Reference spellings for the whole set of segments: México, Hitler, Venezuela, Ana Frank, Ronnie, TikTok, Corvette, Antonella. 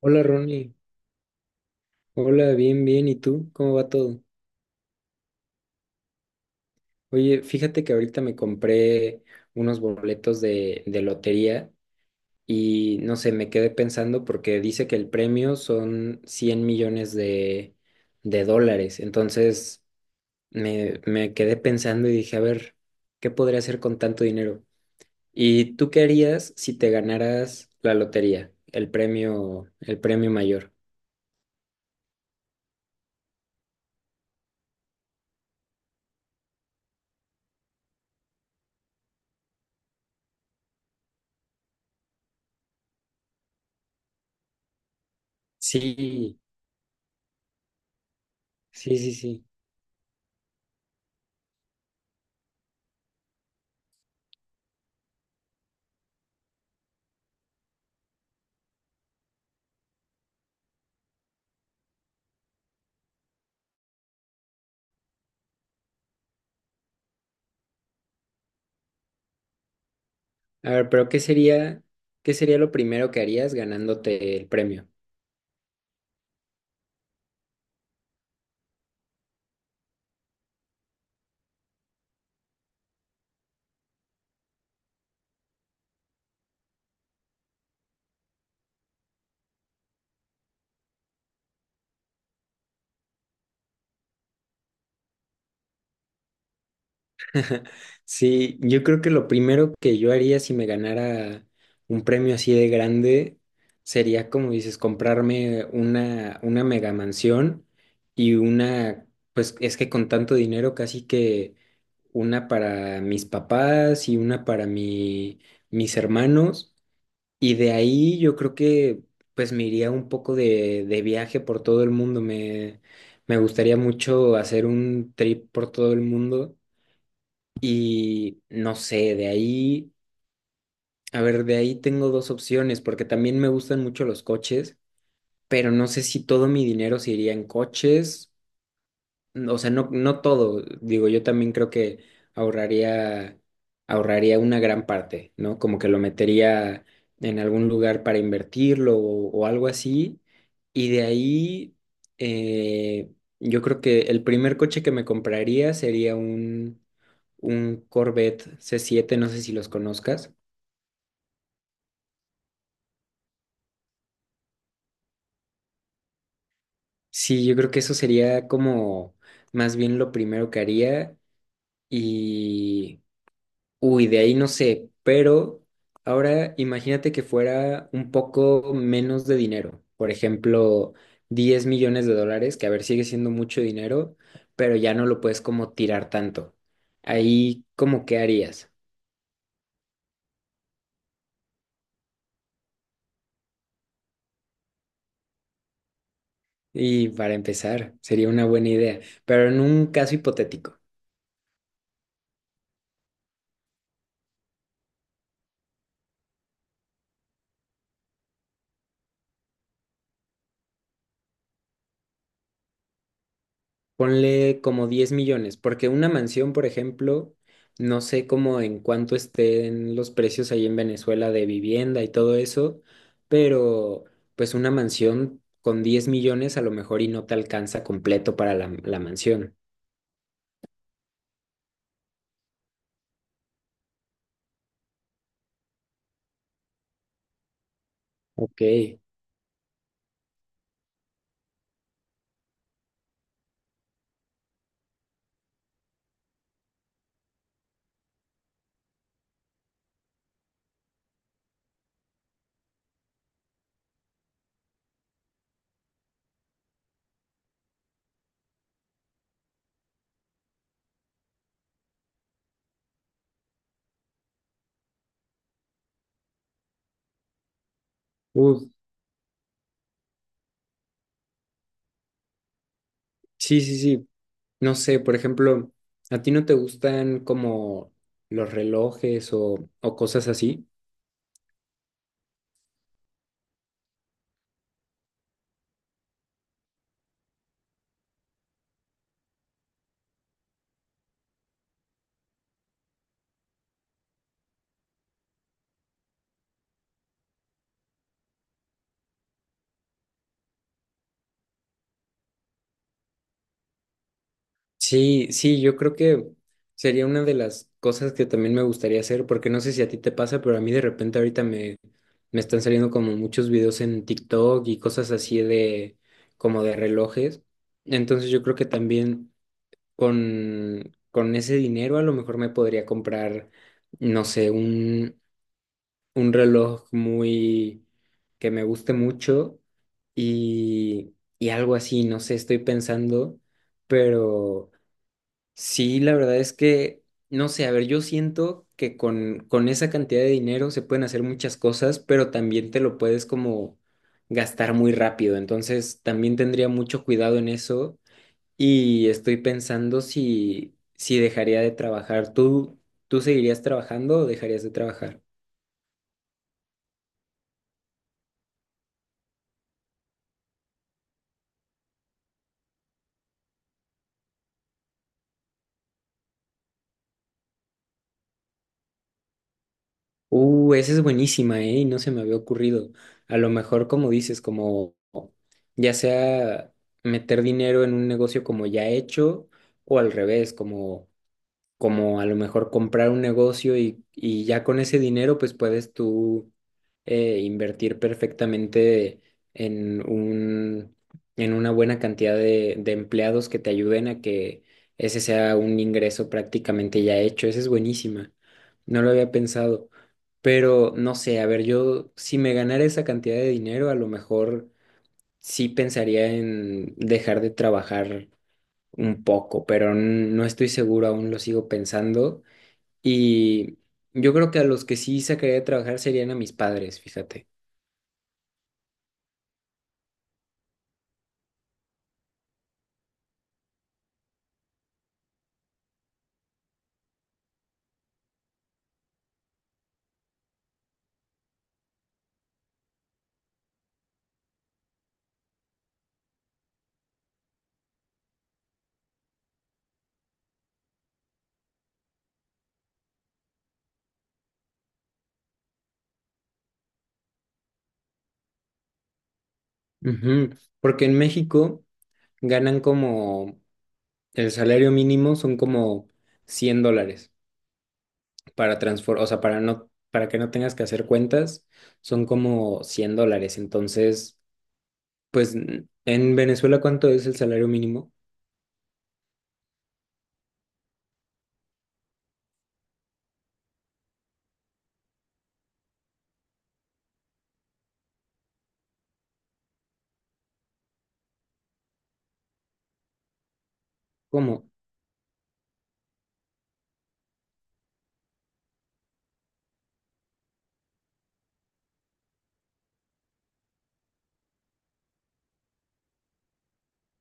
Hola Ronnie, hola, bien, bien, ¿y tú? ¿Cómo va todo? Oye, fíjate que ahorita me compré unos boletos de lotería y no sé, me quedé pensando porque dice que el premio son 100 millones de dólares, entonces me quedé pensando y dije, a ver, ¿qué podría hacer con tanto dinero? ¿Y tú qué harías si te ganaras la lotería, el premio mayor? Sí, sí, sí, sí. A ver, pero ¿qué sería lo primero que harías ganándote el premio? Sí, yo creo que lo primero que yo haría si me ganara un premio así de grande sería, como dices, comprarme una mega mansión y una, pues es que con tanto dinero casi que una para mis papás y una para mi, mis hermanos. Y de ahí yo creo que pues me iría un poco de viaje por todo el mundo. Me gustaría mucho hacer un trip por todo el mundo. Y no sé, de ahí, a ver, de ahí tengo dos opciones, porque también me gustan mucho los coches, pero no sé si todo mi dinero se iría en coches, o sea, no, no todo, digo, yo también creo que ahorraría, ahorraría una gran parte, ¿no? Como que lo metería en algún lugar para invertirlo o algo así. Y de ahí, eh, yo creo que el primer coche que me compraría sería un Corvette C7, no sé si los conozcas. Sí, yo creo que eso sería como más bien lo primero que haría. Y uy, de ahí no sé, pero ahora imagínate que fuera un poco menos de dinero, por ejemplo, 10 millones de dólares, que a ver, sigue siendo mucho dinero, pero ya no lo puedes como tirar tanto. Ahí, ¿cómo qué harías? Y para empezar, sería una buena idea, pero en un caso hipotético. Ponle como 10 millones, porque una mansión, por ejemplo, no sé cómo en cuánto estén los precios ahí en Venezuela de vivienda y todo eso, pero pues una mansión con 10 millones a lo mejor y no te alcanza completo para la, la mansión. Ok. Uf, sí, sí, sí. No sé, por ejemplo, ¿a ti no te gustan como los relojes o cosas así? Sí, sí, yo creo que sería una de las cosas que también me gustaría hacer, porque no sé si a ti te pasa, pero a mí de repente ahorita me, me están saliendo como muchos videos en TikTok y cosas así de como de relojes. Entonces yo creo que también con ese dinero a lo mejor me podría comprar, no sé, un reloj muy que me guste mucho y algo así, no sé, estoy pensando, pero... Sí, la verdad es que, no sé, a ver, yo siento que con esa cantidad de dinero se pueden hacer muchas cosas, pero también te lo puedes como gastar muy rápido. Entonces, también tendría mucho cuidado en eso y estoy pensando si dejaría de trabajar. ¿Tú seguirías trabajando o dejarías de trabajar? Esa es buenísima, ¿eh? Y no se me había ocurrido. A lo mejor, como dices, como ya sea meter dinero en un negocio como ya hecho o al revés, como a lo mejor comprar un negocio y ya con ese dinero pues puedes tú invertir perfectamente en un, en una buena cantidad de empleados que te ayuden a que ese sea un ingreso prácticamente ya hecho. Esa es buenísima. No lo había pensado. Pero no sé, a ver, yo si me ganara esa cantidad de dinero, a lo mejor sí pensaría en dejar de trabajar un poco, pero no estoy seguro, aún lo sigo pensando. Y yo creo que a los que sí sacaría de trabajar serían a mis padres, fíjate. Ujú. Porque en México ganan como el salario mínimo son como 100 dólares o sea, para no, para que no tengas que hacer cuentas, son como 100 dólares. Entonces, pues en Venezuela, ¿cuánto es el salario mínimo? ¿Cómo?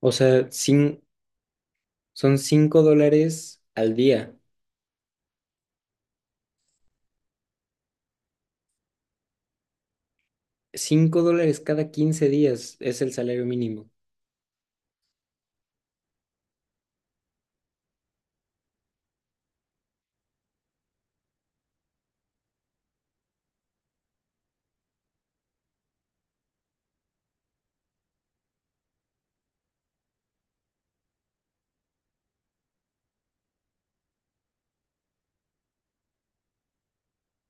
O sea, son 5 dólares al día. 5 dólares cada 15 días es el salario mínimo.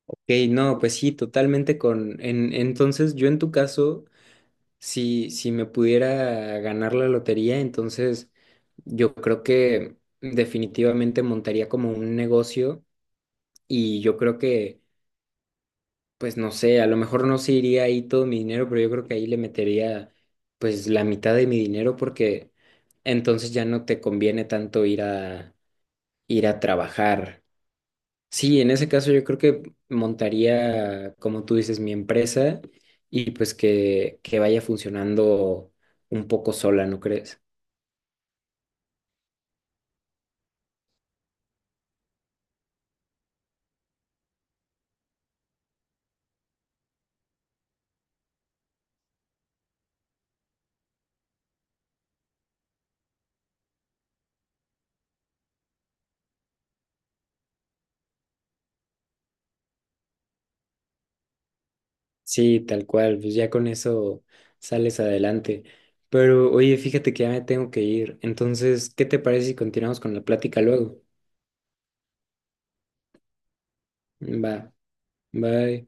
Ok, no, pues sí, totalmente con... entonces, yo en tu caso, si me pudiera ganar la lotería, entonces yo creo que definitivamente montaría como un negocio y yo creo que, pues no sé, a lo mejor no se iría ahí todo mi dinero, pero yo creo que ahí le metería pues la mitad de mi dinero porque entonces ya no te conviene tanto ir a, ir a trabajar. Sí, en ese caso yo creo que montaría, como tú dices, mi empresa y pues que vaya funcionando un poco sola, ¿no crees? Sí, tal cual, pues ya con eso sales adelante. Pero oye, fíjate que ya me tengo que ir. Entonces, ¿qué te parece si continuamos con la plática luego? Va, bye.